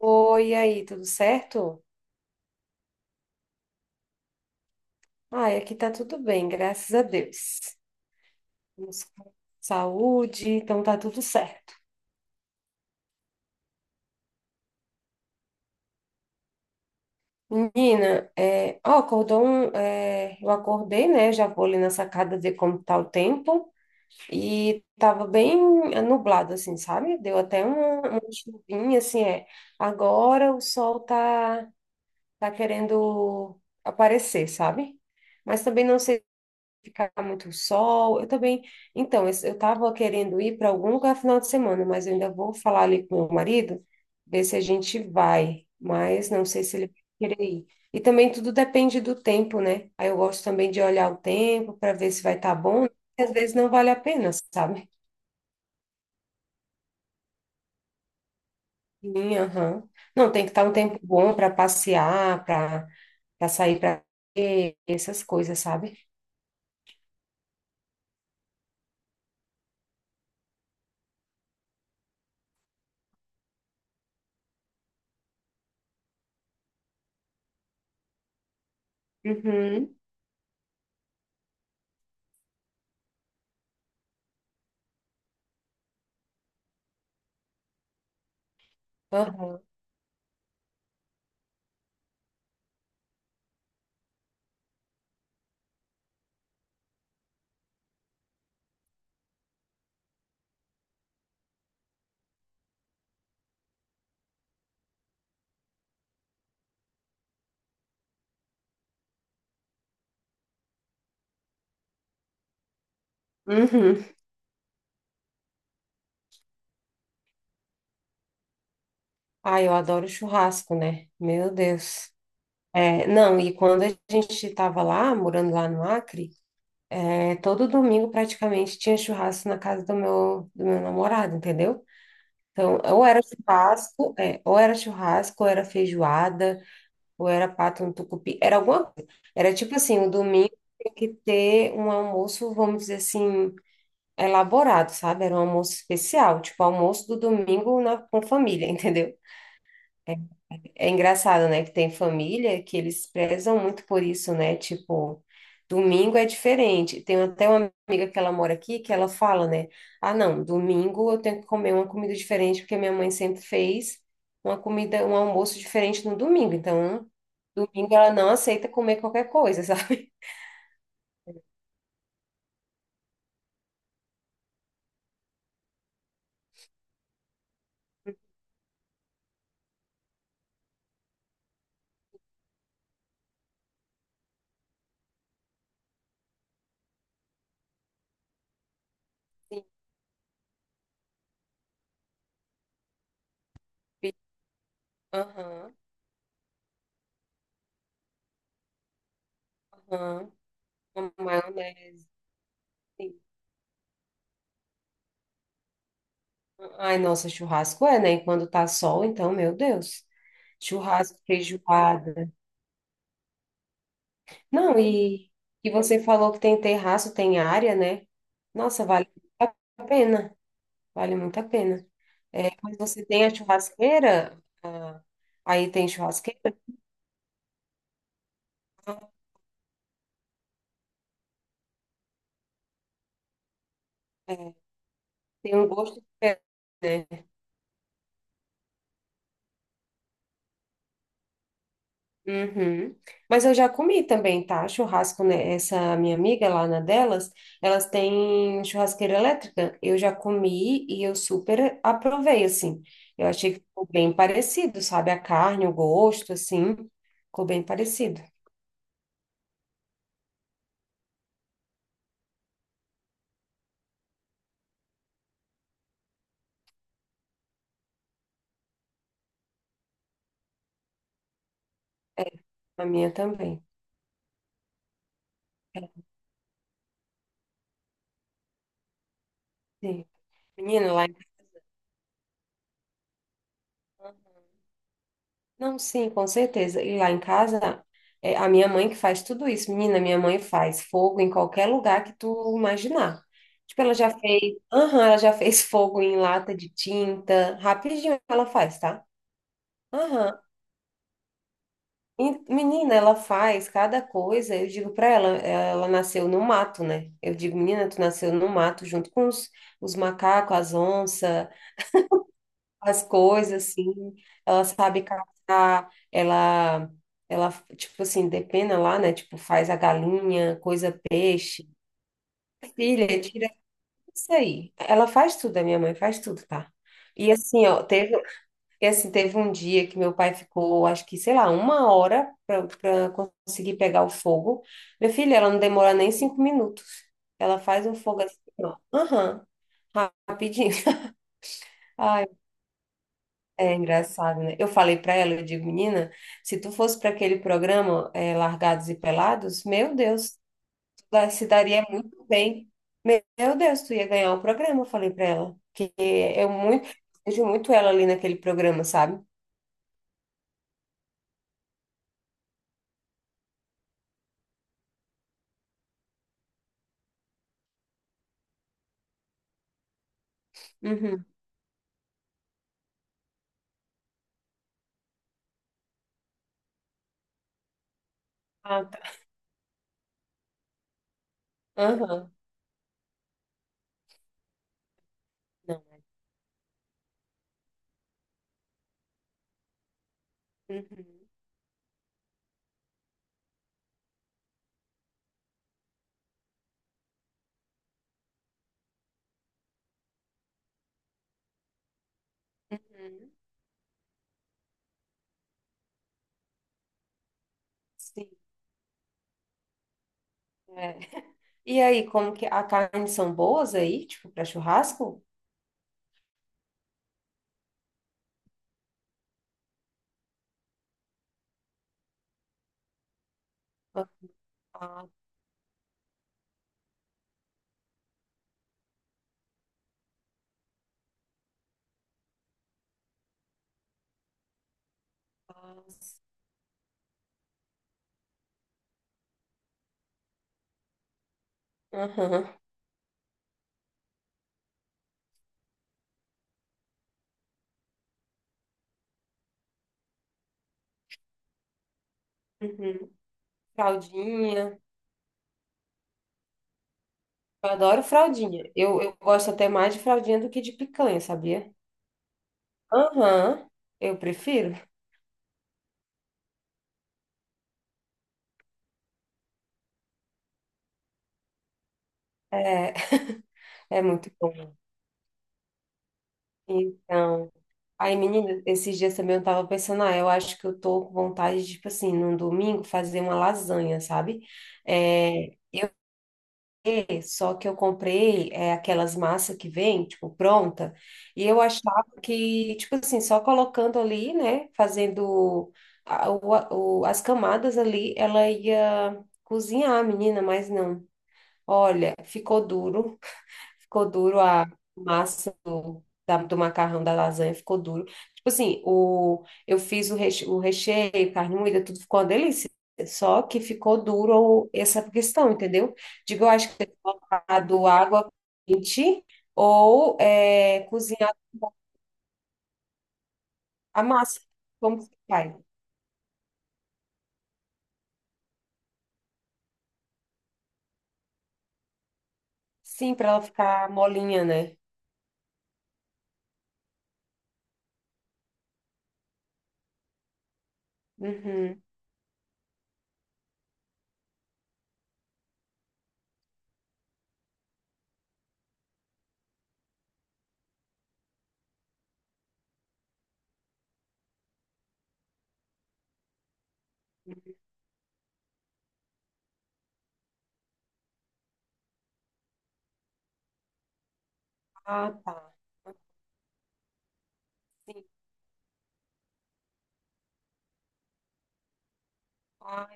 Oi, e aí, tudo certo? Ai, aqui tá tudo bem, graças a Deus. Estamos com saúde, então tá tudo certo. Menina, é, ó, acordou eu acordei, né? Já vou ali na sacada ver como tá o tempo. E tava bem nublado, assim, sabe? Deu até uma chuvinha, assim, é. Agora o tá querendo aparecer, sabe? Mas também não sei ficar muito sol. Eu também. Então, eu estava querendo ir para algum lugar final de semana, mas eu ainda vou falar ali com meu marido, ver se a gente vai. Mas não sei se ele vai querer ir. E também tudo depende do tempo, né? Aí eu gosto também de olhar o tempo para ver se vai estar bom. Às vezes não vale a pena, sabe? Sim, aham. Não, tem que estar um tempo bom para passear, para sair para essas coisas, sabe? Uhum. Aham. Uhum. Ai, eu adoro churrasco, né? Meu Deus. É, não, e quando a gente estava lá, morando lá no Acre, é, todo domingo praticamente tinha churrasco na casa do meu namorado, entendeu? Então, ou era churrasco, é, ou era churrasco, ou era feijoada, ou era pato no tucupi, era alguma coisa. Era tipo assim, o domingo tinha que ter um almoço, vamos dizer assim, elaborado, sabe? Era um almoço especial, tipo almoço do domingo na, com família, entendeu? É engraçado, né, que tem família que eles prezam muito por isso, né? Tipo, domingo é diferente. Tem até uma amiga que ela mora aqui que ela fala, né? Ah, não, domingo eu tenho que comer uma comida diferente porque minha mãe sempre fez uma comida, um almoço diferente no domingo. Então, domingo ela não aceita comer qualquer coisa, sabe? Sim. Aham, aham. Uma maionese. Sim. Ai, nossa, churrasco é, né? E quando tá sol, então, meu Deus. Churrasco, feijoada. Não, e você falou que tem terraço, tem área, né? Nossa, vale muito a pena. Vale muito a pena. É, quando você tem a churrasqueira, ah, aí tem churrasqueira, é, tem um gosto diferente, né? Uhum. Mas eu já comi também, tá? Churrasco, né? Essa minha amiga lá na delas, elas têm churrasqueira elétrica. Eu já comi e eu super aprovei, assim. Eu achei que ficou bem parecido, sabe? A carne, o gosto, assim, ficou bem parecido. A minha também. É, sim. Menino, lá em... Não, sim, com certeza. E lá em casa, é a minha mãe que faz tudo isso. Menina, minha mãe faz fogo em qualquer lugar que tu imaginar. Tipo, ela já fez... Aham, ela já fez fogo em lata de tinta. Rapidinho ela faz, tá? Aham. E, menina, ela faz cada coisa. Eu digo pra ela, ela nasceu no mato, né? Eu digo, menina, tu nasceu no mato junto com os macacos, as onças, as coisas, assim, ela sabe caçar, ela, tipo assim, depena lá, né? Tipo, faz a galinha, coisa peixe. Filha, tira isso aí. Ela faz tudo, a minha mãe faz tudo, tá? E assim, ó, teve, e assim, teve um dia que meu pai ficou, acho que, sei lá, uma hora para conseguir pegar o fogo. Minha filha, ela não demora nem 5 minutos. Ela faz um fogo assim, ó. Aham, rapidinho. É engraçado, né? Eu falei pra ela, eu digo, menina, se tu fosse para aquele programa é, Largados e Pelados, meu Deus, tu da- se daria muito bem. Meu Deus, tu ia ganhar o programa, eu falei pra ela. Eu muito, vejo muito ela ali naquele programa, sabe? Uhum. Ah, tá. Aham. Não. É. Uhum. Uhum. Sim. É. E aí, como que a carne são boas aí, tipo, para churrasco? Ah, tá. Aham. Uhum. Fraldinha. Eu adoro fraldinha. Eu gosto até mais de fraldinha do que de picanha, sabia? Aham, eu prefiro. É, é muito bom. Então, aí, menina, esses dias também eu tava pensando, ah, eu acho que eu tô com vontade, de, tipo assim, num domingo fazer uma lasanha, sabe? É, só que eu comprei é, aquelas massas que vem, tipo, pronta, e eu achava que, tipo assim, só colocando ali, né, fazendo as camadas ali, ela ia cozinhar a menina, mas não. Olha, ficou duro. Ficou duro a massa do macarrão da lasanha, ficou duro. Tipo assim, eu fiz o recheio, carne moída, tudo ficou uma delícia. Só que ficou duro essa questão, entendeu? Digo, eu acho que tem que colocar do água quente ou é, cozinhar a massa. Como que faz? Sim, para ela ficar molinha, né? Uhum. Ah, tá. Sim. Ah,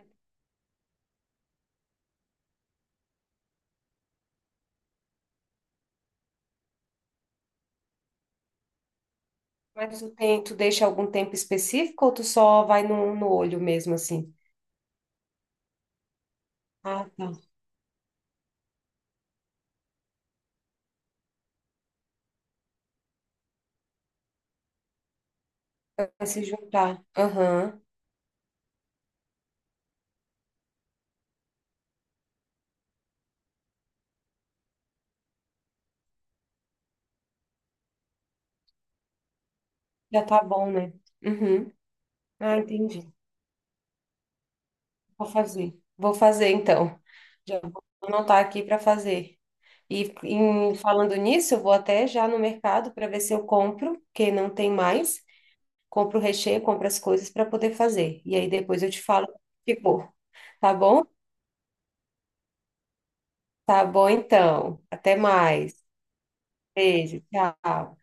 mas tu, tem, tu deixa algum tempo específico ou tu só vai no olho mesmo assim? Ah, tá. Vai se juntar. Aham. Já tá bom, né? Uhum. Ah, entendi. Vou fazer. Vou fazer então. Já vou anotar aqui para fazer. E em- falando nisso, eu vou até já no mercado para ver se eu compro, que não tem mais. Compro o recheio, compro as coisas para poder fazer. E aí depois eu te falo como ficou. Tá bom? Tá bom então. Até mais. Beijo. Tchau.